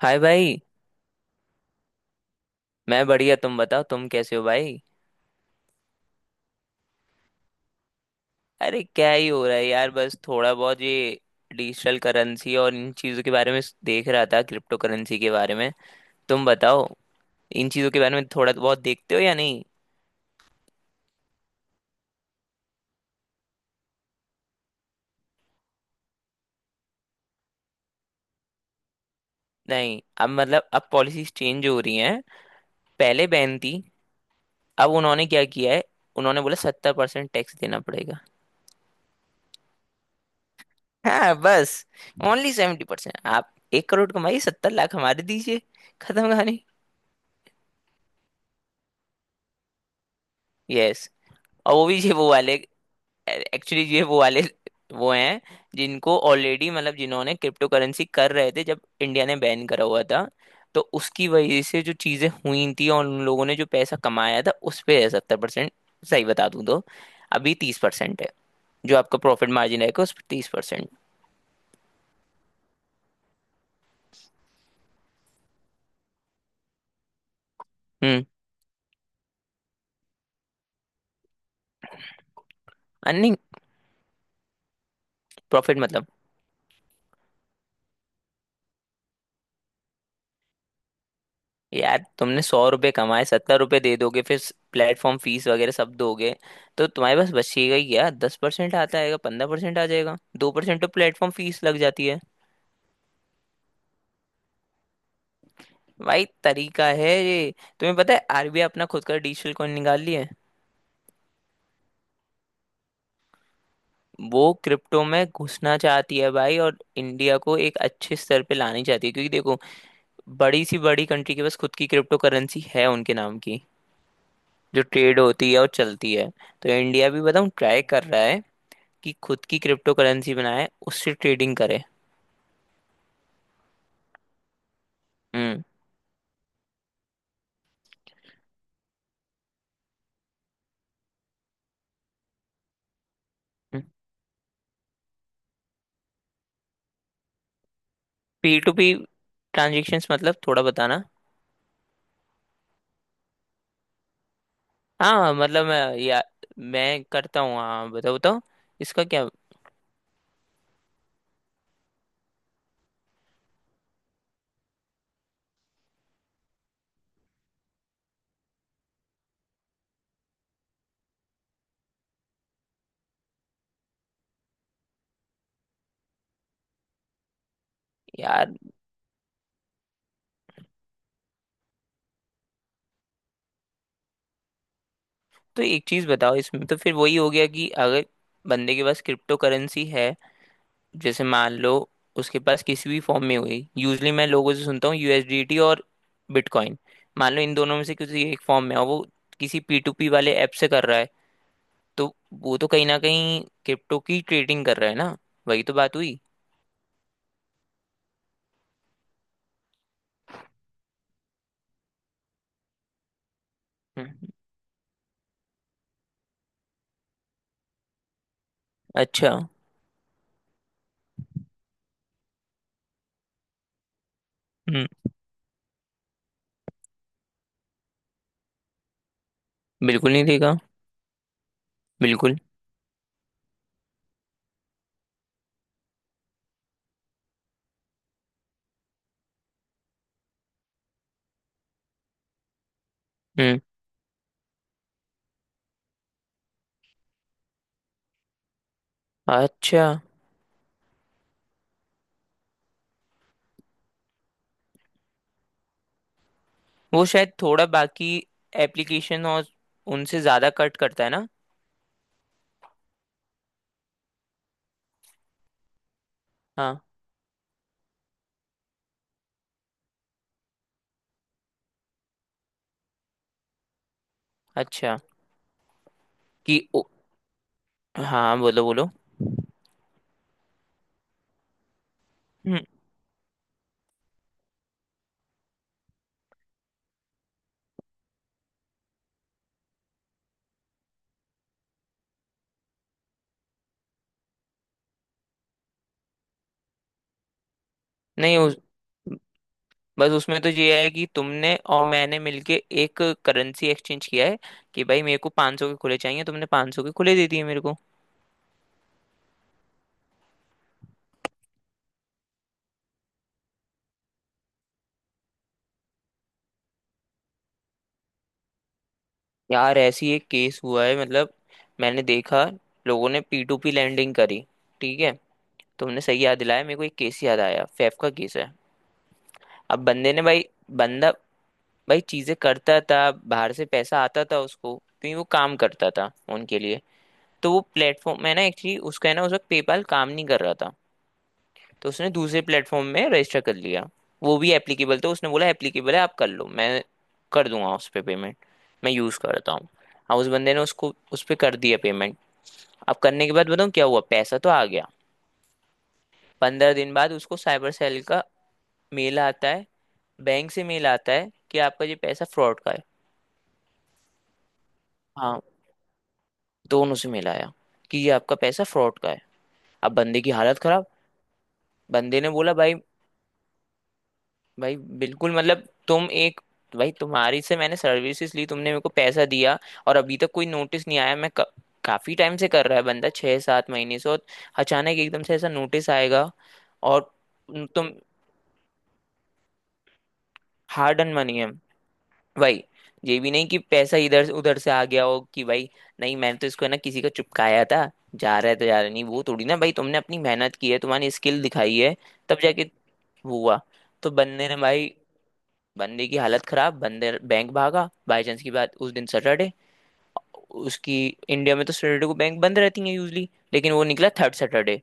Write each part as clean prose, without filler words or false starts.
हाय भाई। मैं बढ़िया, तुम बताओ, तुम कैसे हो भाई? अरे क्या ही हो रहा है यार, बस थोड़ा बहुत ये डिजिटल करेंसी और इन चीज़ों के बारे में देख रहा था, क्रिप्टो करेंसी के बारे में। तुम बताओ, इन चीज़ों के बारे में थोड़ा बहुत देखते हो या नहीं? नहीं, अब मतलब अब पॉलिसीज चेंज हो रही हैं। पहले बैन थी, अब उन्होंने क्या किया है, उन्होंने बोला 70% टैक्स देना पड़ेगा। हाँ बस, ओनली 70%। आप 1 करोड़ कमाइए, 70 लाख हमारे दीजिए। खत्म कहानी। यस। और वो भी ये वो वाले, एक्चुअली ये वो वाले वो हैं जिनको ऑलरेडी, मतलब जिन्होंने क्रिप्टो करेंसी कर रहे थे जब इंडिया ने बैन करा हुआ था, तो उसकी वजह से जो चीजें हुई थी और उन लोगों ने जो पैसा कमाया था उस पे है 70%। सही बता दूं तो अभी 30% है, जो आपका प्रॉफिट मार्जिन रहेगा उस पर 30%। हम्म। नहीं, प्रॉफिट मतलब। यार, तुमने 100 रुपए कमाए, 70 रुपए दे दोगे फिर प्लेटफॉर्म फीस वगैरह सब दोगे, तो तुम्हारे पास बचिएगा ही क्या? 10% आता आएगा, 15% आ जाएगा, 2% तो प्लेटफॉर्म फीस लग जाती है। भाई तरीका है ये। तुम्हें पता है आरबीआई अपना खुद का डिजिटल कॉइन निकाल ली है। वो क्रिप्टो में घुसना चाहती है भाई, और इंडिया को एक अच्छे स्तर पे लानी चाहती है, क्योंकि देखो, बड़ी सी बड़ी कंट्री के पास खुद की क्रिप्टो करेंसी है उनके नाम की, जो ट्रेड होती है और चलती है। तो इंडिया भी बताऊँ ट्राई कर रहा है कि खुद की क्रिप्टो करेंसी बनाए, उससे ट्रेडिंग करे। हम्म। पी टू पी ट्रांजेक्शन्स मतलब थोड़ा बताना। हाँ मतलब मैं, या मैं करता हूँ। हाँ बताओ बताओ, इसका क्या? यार, तो एक चीज बताओ, इसमें तो फिर वही हो गया कि अगर बंदे के पास क्रिप्टो करेंसी है, जैसे मान लो उसके पास किसी भी फॉर्म में हुई, यूजली मैं लोगों से सुनता हूँ यूएसडीटी और बिटकॉइन, मान लो इन दोनों में से किसी एक फॉर्म में है, और वो किसी पी टू पी वाले ऐप से कर रहा है, तो वो तो कहीं ना कहीं क्रिप्टो की ट्रेडिंग कर रहा है ना? वही तो बात हुई। हम्म, अच्छा। हम्म। बिल्कुल नहीं देगा। बिल्कुल। हम्म। अच्छा, वो शायद थोड़ा बाकी एप्लीकेशन और उनसे ज्यादा कट करता है ना? हाँ। अच्छा। कि ओ, हाँ, बोलो बोलो। हम्म, नहीं बस उसमें तो ये है कि तुमने और मैंने मिलके एक करेंसी एक्सचेंज किया है कि भाई मेरे को 500 के खुले चाहिए, तुमने 500 के खुले दे दिए मेरे को। यार ऐसी एक केस हुआ है, मतलब मैंने देखा लोगों ने पी टू पी लैंडिंग करी, ठीक है। तुमने सही याद दिलाया मेरे को, एक केस याद आया, फैफ का केस है। अब बंदे ने भाई, बंदा भाई चीजें करता था, बाहर से पैसा आता था उसको क्योंकि वो काम करता था उनके लिए। तो वो प्लेटफॉर्म मैं ना एक्चुअली उसका है ना, उस वक्त पेपाल काम नहीं कर रहा था। तो उसने दूसरे प्लेटफॉर्म में रजिस्टर कर लिया, वो भी एप्लीकेबल था, उसने बोला एप्लीकेबल है आप कर लो, मैं कर दूंगा उस पे पेमेंट, मैं यूज़ करता हूँ। अब उस बंदे ने उसको उस पे कर दिया पेमेंट। अब करने के बाद बताऊँ क्या हुआ, पैसा तो आ गया। 15 दिन बाद उसको साइबर सेल का मेल आता है, बैंक से मेल आता है कि आपका ये पैसा फ्रॉड का है। हाँ, दोनों से मेल आया कि ये आपका पैसा फ्रॉड का है। अब बंदे की हालत खराब, बंदे ने बोला भाई, भाई बिल्कुल मतलब, तुम एक, भाई तुम्हारी से मैंने सर्विसेज ली, तुमने मेरे को पैसा दिया, और अभी तक कोई नोटिस नहीं आया, काफी टाइम से कर रहा है बंदा, 6 7 महीने से, और अचानक एकदम से ऐसा नोटिस आएगा। और तुम हार्ड अर्न मनी है भाई, ये भी नहीं कि पैसा इधर से उधर से आ गया हो कि भाई, नहीं मैंने तो इसको है ना किसी का चुपकाया था, जा रहा है तो जा रहा है। नहीं वो थोड़ी ना भाई, तुमने अपनी मेहनत की है, तुम्हारी स्किल दिखाई है, तब जाके वो हुआ। तो बंदे ने भाई, बंदे की हालत खराब, बंदे बैंक भागा। बाई चांस की बात, उस दिन सैटरडे उसकी, इंडिया में तो सैटरडे को बैंक बंद रहती है यूजली, लेकिन वो निकला थर्ड सैटरडे।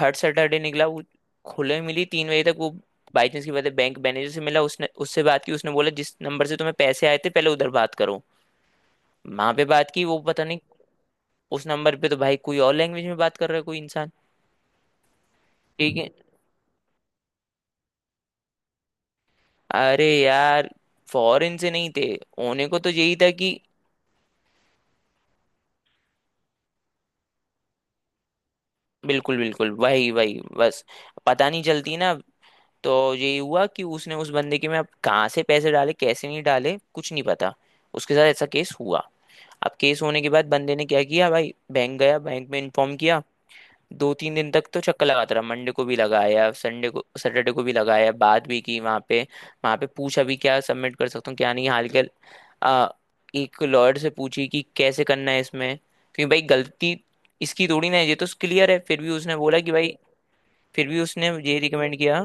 थर्ड सैटरडे निकला वो, खुले मिली 3 बजे तक वो। बाई चांस की बात है, बैंक मैनेजर से मिला, उसने उससे बात की, उसने बोला जिस नंबर से तुम्हें पैसे आए थे पहले, उधर बात करो। वहां पे बात की वो पता नहीं, उस नंबर पे तो भाई कोई और लैंग्वेज में बात कर रहा है कोई इंसान। ठीक है, अरे यार, फॉरेन से नहीं थे, होने को तो यही था कि बिल्कुल बिल्कुल वही वही, बस पता नहीं चलती ना। तो यही हुआ कि उसने उस बंदे के में, अब कहाँ से पैसे डाले कैसे नहीं डाले कुछ नहीं पता, उसके साथ ऐसा केस हुआ। अब केस होने के बाद बंदे ने क्या किया भाई, बैंक गया, बैंक में इन्फॉर्म किया। 2 3 दिन तक तो चक्कर लगाता रहा, मंडे को भी लगाया, संडे को सैटरडे को भी लगाया, बात भी की वहां पे, वहां पे पूछा भी क्या सबमिट कर सकता हूँ क्या नहीं हाल के। आ, एक लॉयर से पूछी कि कैसे करना है इसमें, क्योंकि भाई गलती इसकी थोड़ी ना है, ये तो क्लियर है। फिर भी उसने बोला कि भाई, फिर भी उसने ये रिकमेंड किया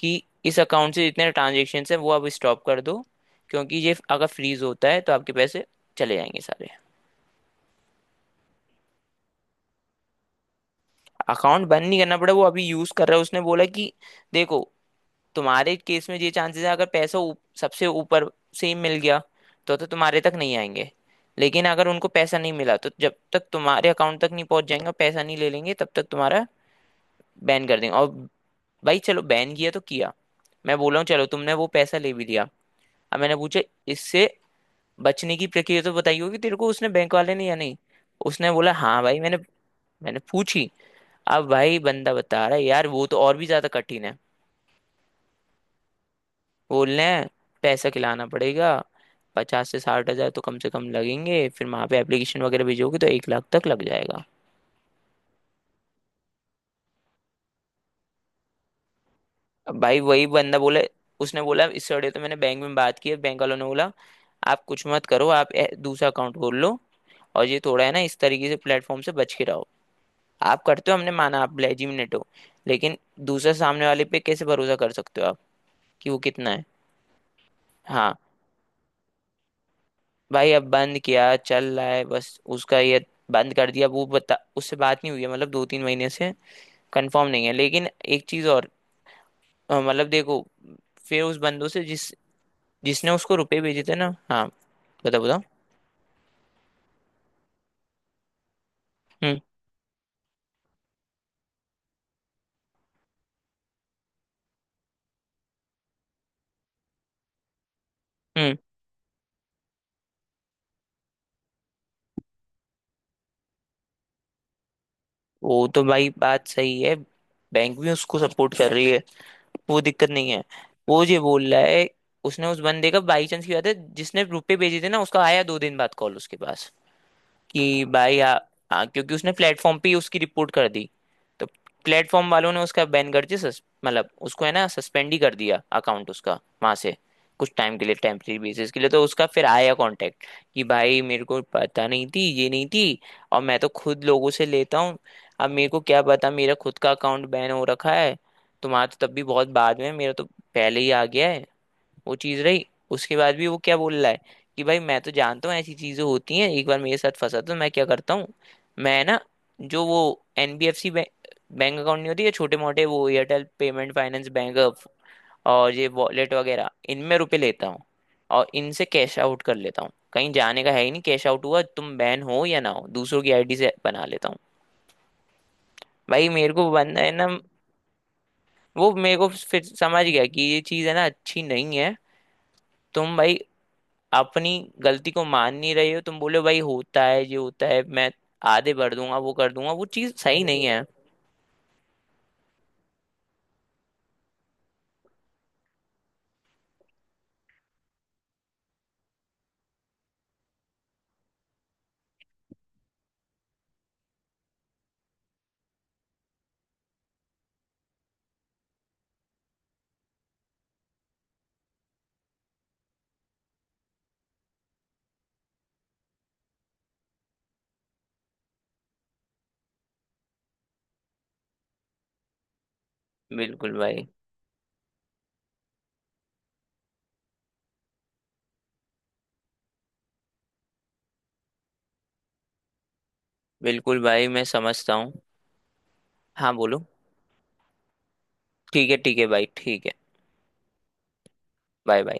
कि इस अकाउंट से जितने ट्रांजेक्शन है वो अब स्टॉप कर दो, क्योंकि ये अगर फ्रीज होता है तो आपके पैसे चले जाएंगे सारे। अकाउंट बंद नहीं करना पड़ा, वो अभी यूज कर रहा है। उसने बोला कि देखो, तुम्हारे केस में ये चांसेस है, अगर पैसा सबसे ऊपर से ही मिल गया तो तुम्हारे तक नहीं आएंगे, लेकिन अगर उनको पैसा नहीं मिला, तो जब तक तुम्हारे अकाउंट तक नहीं पहुंच जाएंगे, पैसा नहीं ले लेंगे तब तक, तुम्हारा बैन कर देंगे। और भाई चलो बैन किया तो किया, मैं बोल रहा हूँ चलो तुमने वो पैसा ले भी लिया। अब मैंने पूछा, इससे बचने की प्रक्रिया तो बताई होगी तेरे को उसने, बैंक वाले ने, या नहीं? उसने बोला हाँ भाई मैंने, मैंने पूछी। अब भाई बंदा बता रहा है यार वो तो और भी ज्यादा कठिन है। बोल रहे हैं पैसा खिलाना पड़ेगा, 50 से 60 हजार तो कम से कम लगेंगे, फिर वहां पे एप्लीकेशन वगैरह भेजोगे तो 1 लाख तक लग जाएगा। अब भाई वही बंदा बोला, उसने बोला इस सड़े तो मैंने बैंक में बात की है, बैंक वालों ने बोला आप कुछ मत करो, दूसरा अकाउंट खोल लो, और ये थोड़ा है ना इस तरीके से प्लेटफॉर्म से बच के रहो। आप करते हो, हमने माना आप लेजिमिनेट हो, लेकिन दूसरे सामने वाले पे कैसे भरोसा कर सकते हो आप कि वो कितना है? हाँ। भाई अब बंद किया चल रहा है, बस उसका ये बंद कर दिया, वो बता उससे बात नहीं हुई है मतलब 2 3 महीने से, कंफर्म नहीं है लेकिन। एक चीज और, मतलब देखो, फिर उस बंदों से जिस, जिसने उसको रुपए भेजे थे ना, हाँ बताओ बताओ। हम्म। हम्म। वो तो भाई बात सही है, बैंक भी उसको सपोर्ट कर रही है, वो दिक्कत नहीं है। वो ये बोल रहा है, उसने उस बंदे का, बाई चांस की बात है जिसने रुपए भेजे थे ना, उसका आया 2 दिन बाद कॉल उसके पास कि भाई, आ, आ, क्योंकि उसने प्लेटफॉर्म पे ही उसकी रिपोर्ट कर दी, तो प्लेटफॉर्म वालों ने उसका बैन कर दिया, मतलब उसको है ना सस्पेंड ही कर दिया अकाउंट उसका वहां से, कुछ टाइम के लिए टेम्परेरी बेसिस के लिए। तो उसका फिर आया कांटेक्ट कि भाई मेरे को पता नहीं थी ये नहीं थी, और मैं तो खुद लोगों से लेता हूँ, अब मेरे को क्या पता मेरा खुद का अकाउंट बैन हो रखा है, तुम्हारा तो तब भी बहुत बाद में, मेरा तो पहले ही आ गया है वो चीज रही। उसके बाद भी वो क्या बोल रहा है कि भाई मैं तो जानता हूँ ऐसी चीजें होती हैं, एक बार मेरे साथ फंसा तो मैं क्या करता हूँ, मैं ना जो वो एनबीएफसी बैंक अकाउंट नहीं होती है छोटे मोटे वो, एयरटेल पेमेंट फाइनेंस बैंक और ये वॉलेट वगैरह, इनमें रुपए लेता हूँ और इनसे कैश आउट कर लेता हूँ, कहीं जाने का है ही नहीं। कैश आउट हुआ, तुम बैन हो या ना हो, दूसरों की आईडी से बना लेता हूँ, भाई मेरे को बनना है ना। वो मेरे को फिर समझ गया कि ये चीज़ है ना अच्छी नहीं है। तुम भाई अपनी गलती को मान नहीं रहे हो, तुम बोले भाई होता है ये होता है, मैं आधे भर दूंगा, वो कर दूंगा, वो चीज सही नहीं है। बिल्कुल भाई। बिल्कुल भाई, मैं समझता हूँ। हाँ बोलो। ठीक है भाई, ठीक है। Bye bye.